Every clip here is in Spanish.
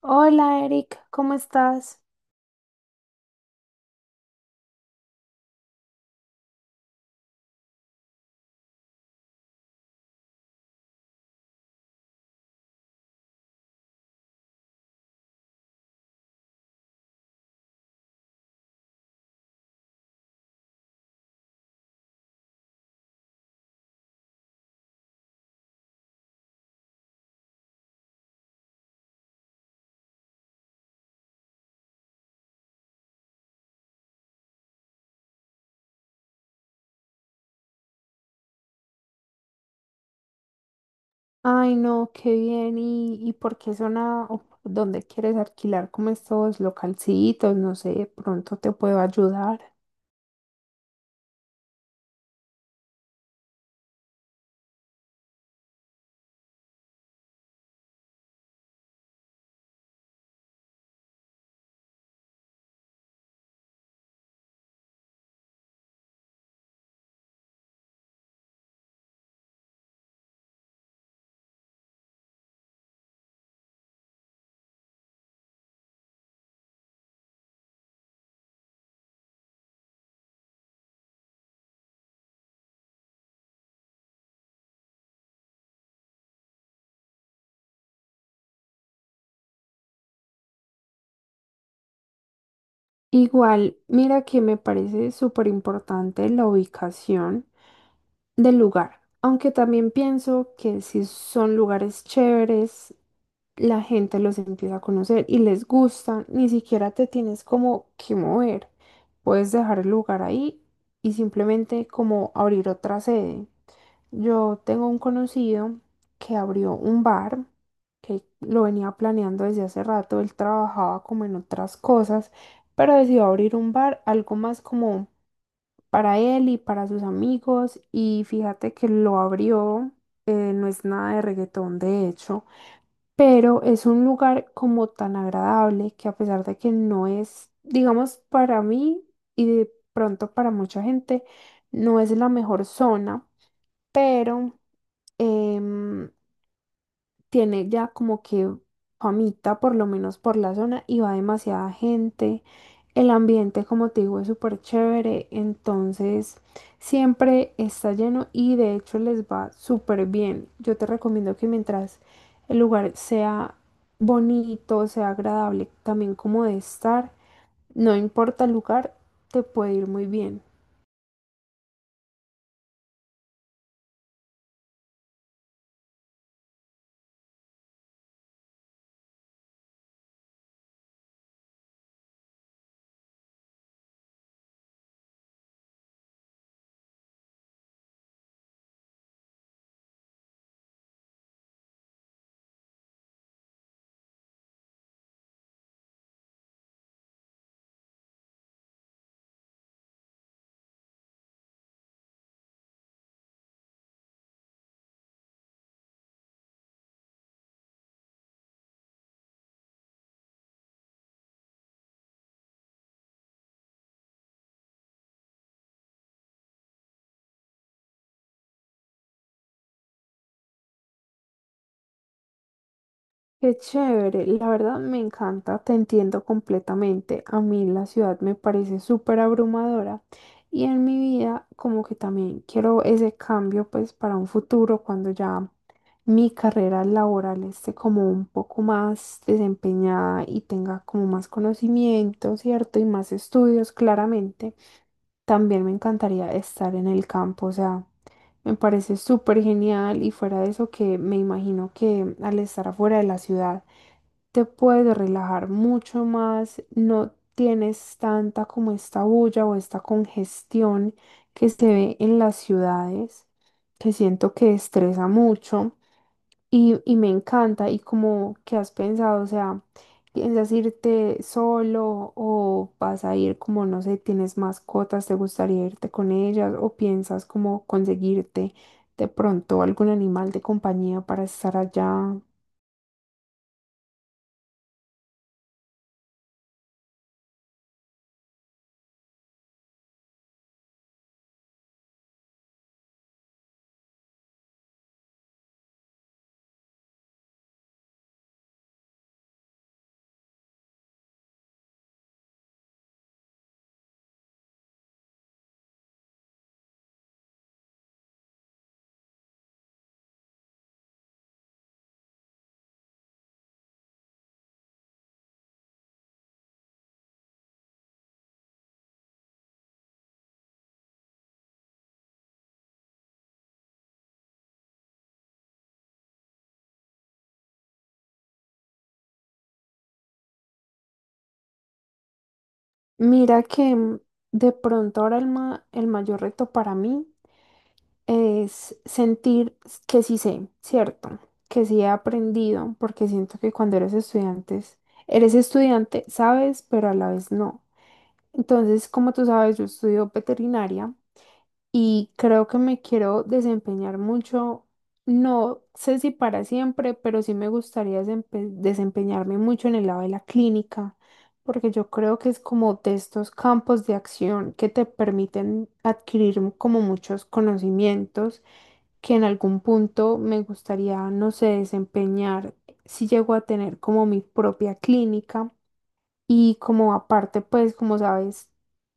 Hola Eric, ¿cómo estás? Ay, no, qué bien. ¿Y, por qué zona o por dónde quieres alquilar como estos localcitos? No sé, de pronto te puedo ayudar. Igual, mira que me parece súper importante la ubicación del lugar, aunque también pienso que si son lugares chéveres, la gente los empieza a conocer y les gusta, ni siquiera te tienes como que mover. Puedes dejar el lugar ahí y simplemente como abrir otra sede. Yo tengo un conocido que abrió un bar que lo venía planeando desde hace rato, él trabajaba como en otras cosas, pero decidió abrir un bar, algo más como para él y para sus amigos y fíjate que lo abrió, no es nada de reggaetón de hecho pero es un lugar como tan agradable que a pesar de que no es, digamos, para mí y de pronto para mucha gente, no es la mejor zona, pero em, tiene ya como que famita, por lo menos por la zona, y va demasiada gente. El ambiente, como te digo, es súper chévere, entonces siempre está lleno y de hecho les va súper bien. Yo te recomiendo que mientras el lugar sea bonito, sea agradable, también como de estar, no importa el lugar, te puede ir muy bien. Qué chévere, la verdad me encanta, te entiendo completamente. A mí la ciudad me parece súper abrumadora y en mi vida como que también quiero ese cambio pues para un futuro cuando ya mi carrera laboral esté como un poco más desempeñada y tenga como más conocimiento, ¿cierto? Y más estudios, claramente. También me encantaría estar en el campo, o sea, me parece súper genial y fuera de eso que me imagino que al estar afuera de la ciudad, te puedes relajar mucho más, no tienes tanta como esta bulla o esta congestión que se ve en las ciudades, que siento que estresa mucho y me encanta y como que has pensado, o sea, ¿piensas irte solo o vas a ir como, no sé, tienes mascotas, te gustaría irte con ellas o piensas como conseguirte de pronto algún animal de compañía para estar allá? Mira que mm, de pronto ahora el mayor reto para mí es sentir que sí sé, ¿cierto? Que sí he aprendido, porque siento que cuando eres estudiante, sabes, pero a la vez no. Entonces, como tú sabes, yo estudio veterinaria y creo que me quiero desempeñar mucho, no sé si para siempre, pero sí me gustaría desempeñarme mucho en el lado de la clínica, porque yo creo que es como de estos campos de acción que te permiten adquirir como muchos conocimientos que en algún punto me gustaría, no sé, desempeñar si llego a tener como mi propia clínica. Y como aparte, pues como sabes,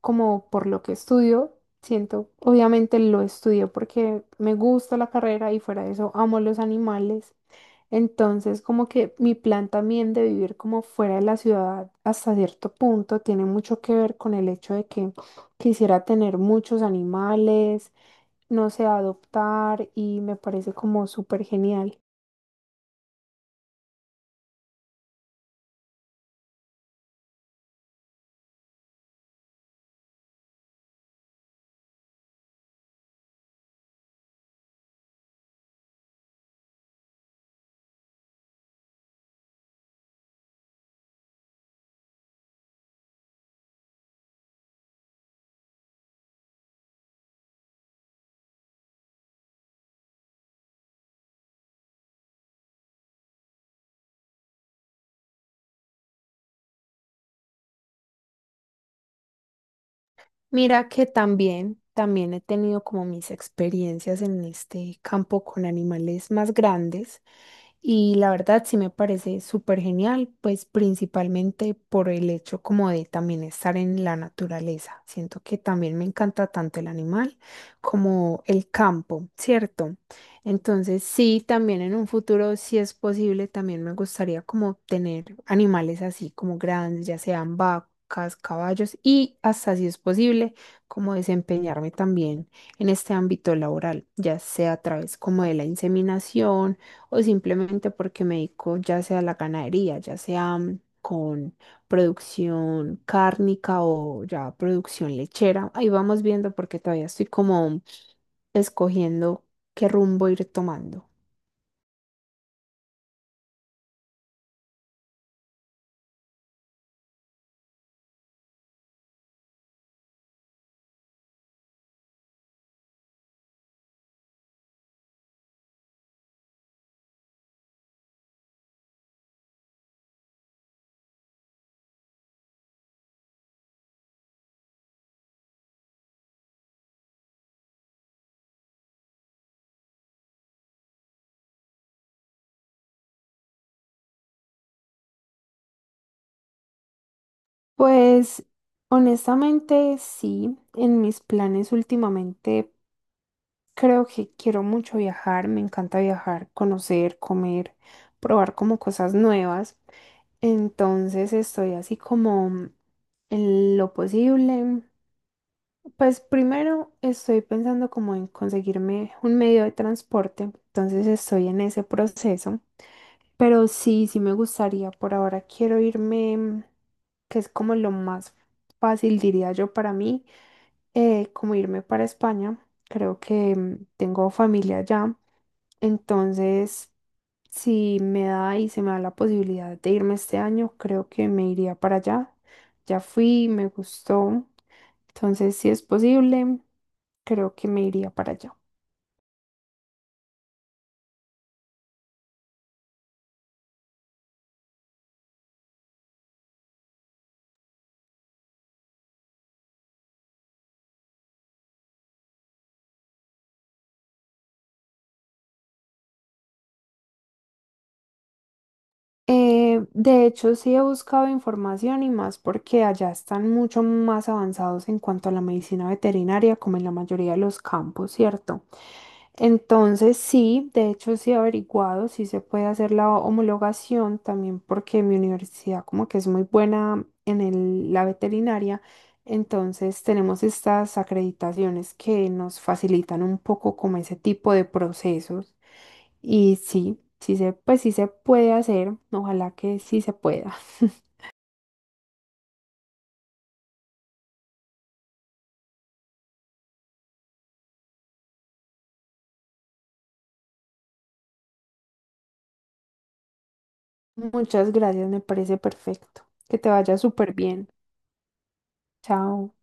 como por lo que estudio, siento, obviamente lo estudio porque me gusta la carrera y fuera de eso amo los animales. Entonces, como que mi plan también de vivir como fuera de la ciudad hasta cierto punto tiene mucho que ver con el hecho de que quisiera tener muchos animales, no sé, adoptar y me parece como súper genial. Mira que también, también he tenido como mis experiencias en este campo con animales más grandes y la verdad sí me parece súper genial, pues principalmente por el hecho como de también estar en la naturaleza. Siento que también me encanta tanto el animal como el campo, ¿cierto? Entonces, sí, también en un futuro, si es posible, también me gustaría como tener animales así como grandes, ya sean vacas, caballos y hasta si es posible, como desempeñarme también en este ámbito laboral, ya sea a través como de la inseminación o simplemente porque me dedico ya sea a la ganadería, ya sea mm, con producción cárnica o ya producción lechera. Ahí vamos viendo porque todavía estoy como escogiendo ¿qué rumbo ir tomando? Pues honestamente sí, en mis planes últimamente creo que quiero mucho viajar, me encanta viajar, conocer, comer, probar como cosas nuevas. Entonces estoy así como en lo posible. Pues primero estoy pensando como en conseguirme un medio de transporte, entonces estoy en ese proceso. Pero sí, sí me gustaría. Por ahora quiero irme, mm, que es como lo más fácil, diría yo, para mí, como irme para España. Creo que mm, tengo familia allá. Entonces, si me da y se me da la posibilidad de irme este año, creo que me iría para allá. Ya fui, me gustó. Entonces, si es posible, creo que me iría para allá. De hecho, sí he buscado información y más porque allá están mucho más avanzados en cuanto a la medicina veterinaria, como en la mayoría de los campos, ¿cierto? Entonces sí, de hecho sí he averiguado si se puede hacer la homologación también porque mi universidad como que es muy buena en la veterinaria, entonces tenemos estas acreditaciones que nos facilitan un poco como ese tipo de procesos y pues sí se puede hacer, ojalá que sí se pueda. Muchas gracias, me parece perfecto. Que te vaya súper bien. Chao.